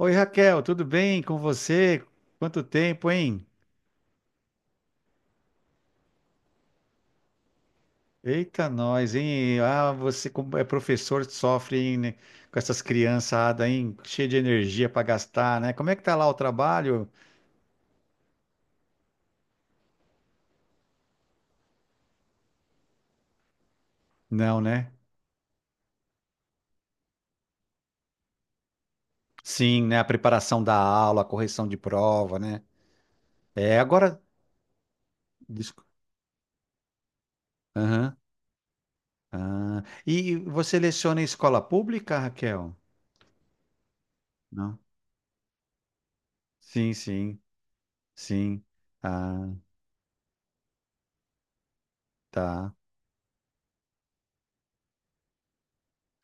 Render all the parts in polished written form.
Oi, Raquel, tudo bem com você? Quanto tempo, hein? Eita, nós, hein? Ah, você como é professor, sofre, hein, né, com essas criançadas, hein? Cheia de energia para gastar, né? Como é que tá lá o trabalho? Não, né? Sim, né? A preparação da aula, a correção de prova, né? É, agora. Desculpa. Aham. Ah. E você leciona em escola pública, Raquel? Não. Sim, sim, sim. Ah, tá.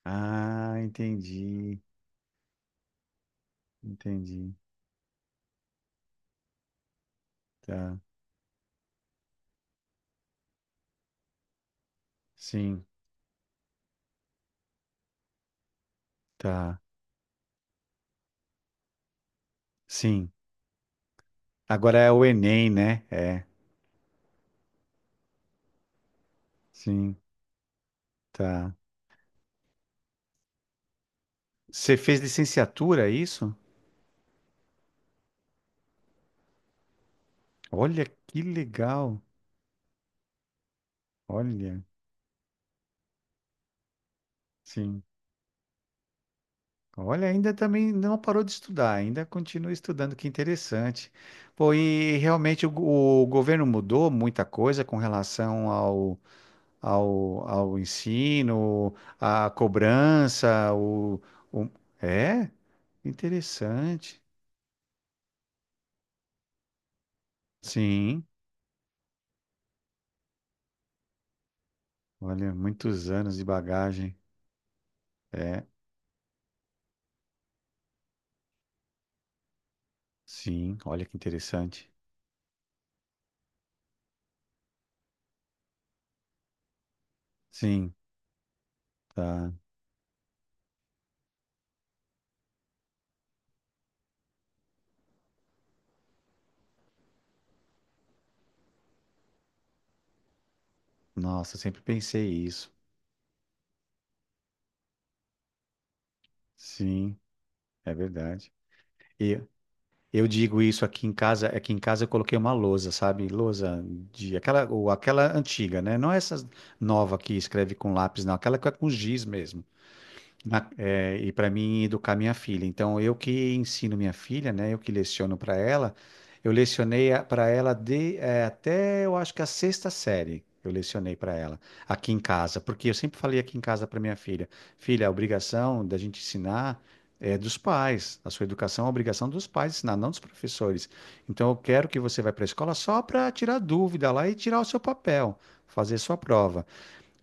Ah, entendi, entendi. Tá, sim, tá, sim. Agora é o Enem, né? É, sim, tá. Você fez licenciatura, é isso? Olha que legal. Olha, sim. Olha, ainda também não parou de estudar, ainda continua estudando, que interessante. Pô, e realmente o governo mudou muita coisa com relação ao ensino, à cobrança, o... É, interessante. Sim. Olha, muitos anos de bagagem. É, sim, olha que interessante. Sim, tá. Nossa, sempre pensei isso. Sim, é verdade. E eu digo isso aqui em casa eu coloquei uma lousa, sabe? Lousa de aquela ou aquela antiga, né? Não essa nova que escreve com lápis, não, aquela que é com giz mesmo. E para mim educar minha filha. Então, eu que ensino minha filha, né? Eu que leciono para ela. Eu lecionei para ela até eu acho que a sexta série. Eu lecionei para ela aqui em casa, porque eu sempre falei aqui em casa para minha filha: filha, a obrigação da gente ensinar é dos pais. A sua educação é a obrigação dos pais ensinar, não dos professores. Então eu quero que você vá para a escola só para tirar dúvida lá e tirar o seu papel, fazer sua prova.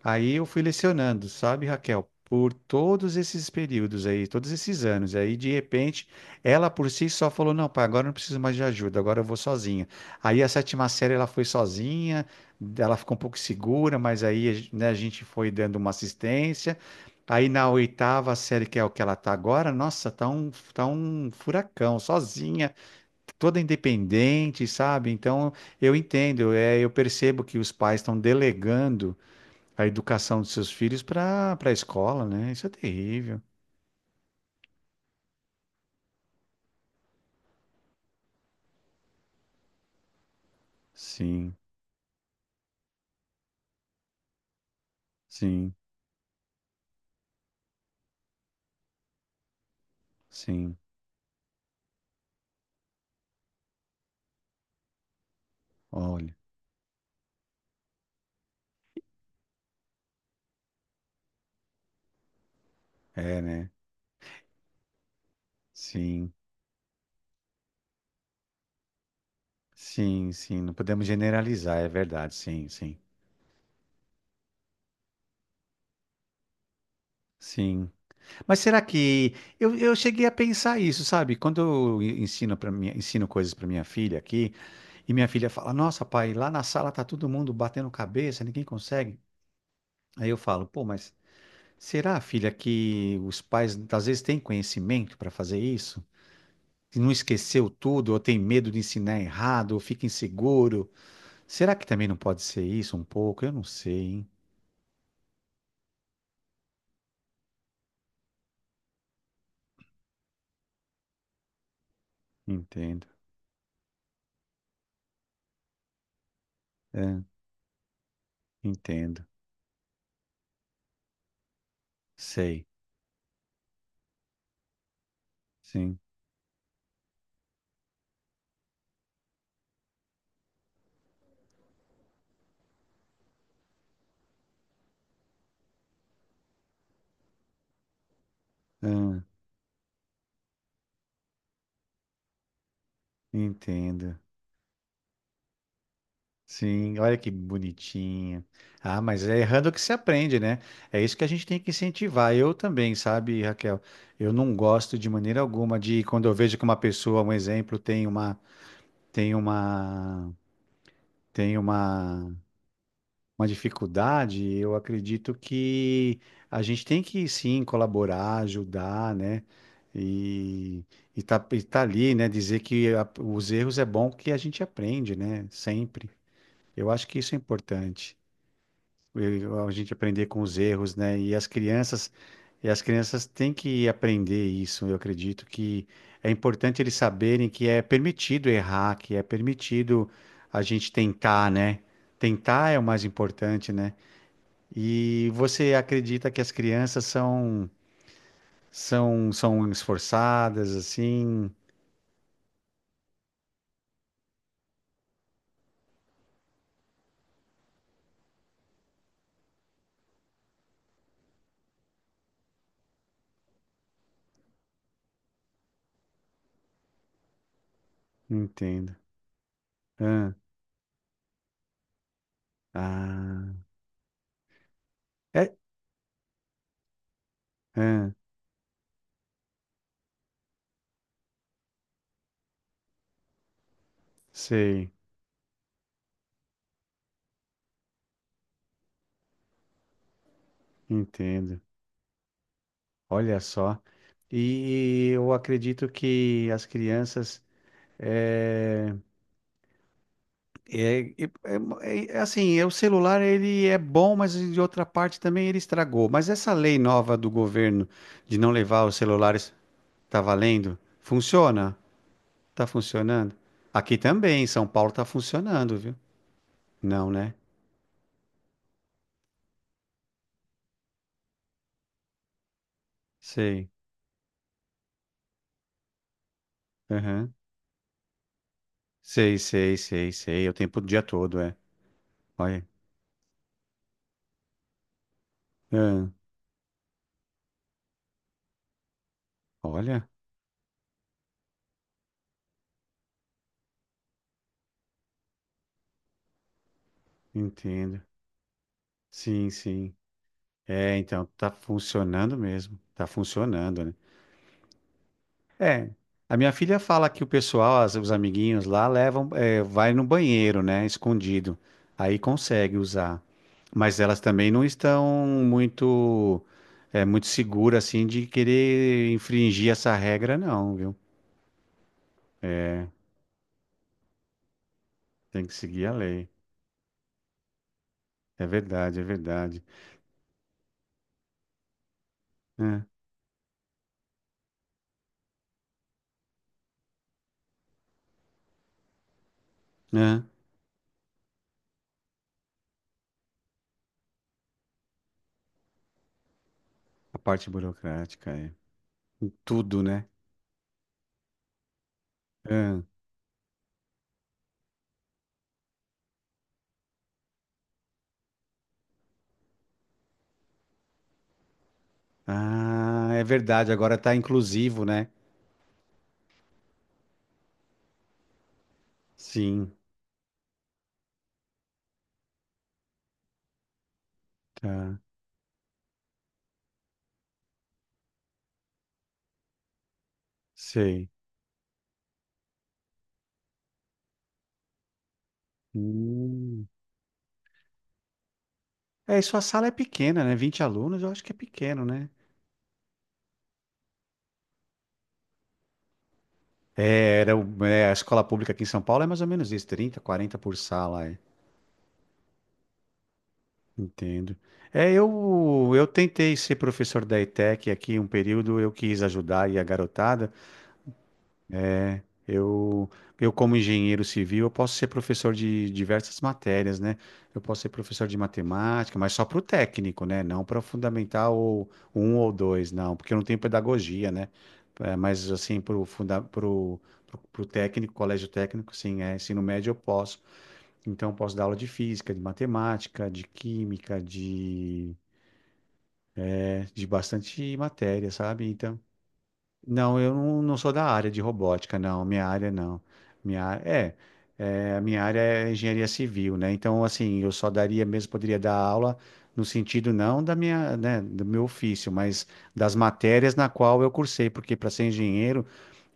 Aí eu fui lecionando, sabe, Raquel, por todos esses períodos aí, todos esses anos. Aí, de repente, ela por si só falou: não, pai, agora eu não preciso mais de ajuda, agora eu vou sozinha. Aí, a sétima série, ela foi sozinha, ela ficou um pouco segura, mas aí, né, a gente foi dando uma assistência. Aí, na oitava série, que é o que ela tá agora, nossa, tá um furacão, sozinha, toda independente, sabe? Então, eu entendo, é, eu percebo que os pais estão delegando a educação dos seus filhos para a escola, né? Isso é terrível. Sim, sim, sim. Olha, é, né? Sim, sim, sim. Não podemos generalizar, é verdade, sim, sim. Sim. Mas será que eu cheguei a pensar isso, sabe? Quando eu ensino coisas para minha filha aqui, e minha filha fala: "Nossa, pai, lá na sala tá todo mundo batendo cabeça, ninguém consegue". Aí eu falo: "Pô, mas será, filha, que os pais às vezes têm conhecimento para fazer isso?" Que não esqueceu tudo, ou tem medo de ensinar errado, ou fica inseguro. Será que também não pode ser isso um pouco? Eu não sei, hein? Entendo. É, entendo. Sei. Sim. Ah, entendo. Sim, olha que bonitinho. Ah, mas é errando que se aprende, né? É isso que a gente tem que incentivar. Eu também, sabe, Raquel? Eu não gosto de maneira alguma de quando eu vejo que uma pessoa, um exemplo, tem uma, tem uma dificuldade, eu acredito que a gente tem que sim colaborar, ajudar, né? E, tá, e tá ali, né? Dizer que os erros é bom que a gente aprende, né? Sempre. Eu acho que isso é importante. A gente aprender com os erros, né? E as crianças têm que aprender isso. Eu acredito que é importante eles saberem que é permitido errar, que é permitido a gente tentar, né? Tentar é o mais importante, né? E você acredita que as crianças são esforçadas assim? Entendo. Hã. Ah, é. Ah, sei, entendo. Olha só. E eu acredito que as crianças é, é, é- é assim, o celular ele é bom, mas de outra parte também ele estragou. Mas essa lei nova do governo de não levar os celulares tá valendo? Funciona? Tá funcionando? Aqui também, em São Paulo tá funcionando, viu? Não, né? Sei. Aham. Sei, sei, sei, sei. Eu tempo o dia todo, é. Olha. Ah, olha, entendo. Sim, sim. É, então, tá funcionando mesmo. Tá funcionando, né? É. A minha filha fala que o pessoal, os amiguinhos lá, levam, é, vai no banheiro, né? Escondido. Aí consegue usar. Mas elas também não estão muito, é, muito seguras assim de querer infringir essa regra, não, viu? É, tem que seguir a lei. É verdade, é verdade. É, é. A parte burocrática é tudo, né? É. Ah, é verdade. Agora tá inclusivo, né? Sim, tá. Sei. Hum. É, e sua sala é pequena, né? Vinte alunos, eu acho que é pequeno, né? É, era, é, a escola pública aqui em São Paulo é mais ou menos isso, 30, 40 por sala. É. Entendo. É, eu tentei ser professor da ETEC aqui um período, eu quis ajudar aí a garotada. Eu, eu como engenheiro civil, eu posso ser professor de diversas matérias, né? Eu posso ser professor de matemática, mas só para o técnico, né? Não para o fundamental ou um ou dois, não, porque eu não tenho pedagogia, né? É, mas assim, para o funda pro, pro, pro técnico, colégio técnico, sim, é, ensino médio eu posso. Então, eu posso dar aula de física, de matemática, de química, de bastante matéria, sabe? Então, não, eu não sou da área de robótica, não. Minha área não. Minha, á- é, é, a minha área é engenharia civil, né? Então, assim, eu só daria mesmo, poderia dar aula no sentido não da minha, né, do meu ofício, mas das matérias na qual eu cursei, porque para ser engenheiro,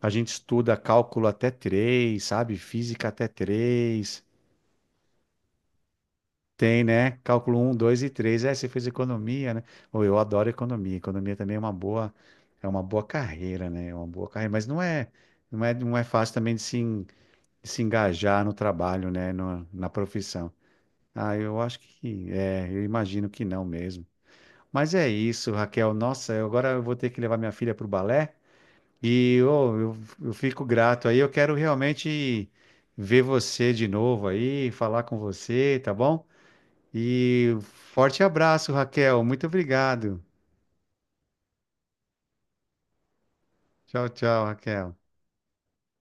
a gente estuda cálculo até três, sabe? Física até três. Tem, né? Cálculo um, 2 e três. É, você fez economia, né? Ou eu adoro economia. Economia também é uma boa, carreira, né? É uma boa carreira, mas não é fácil também de se engajar no trabalho, né? Na profissão. Ah, eu acho que é, eu imagino que não mesmo. Mas é isso, Raquel. Nossa, agora eu vou ter que levar minha filha para o balé. E ô, eu, eu fico grato aí. Eu quero realmente ver você de novo aí, falar com você, tá bom? E forte abraço, Raquel. Muito obrigado. Tchau, tchau, Raquel.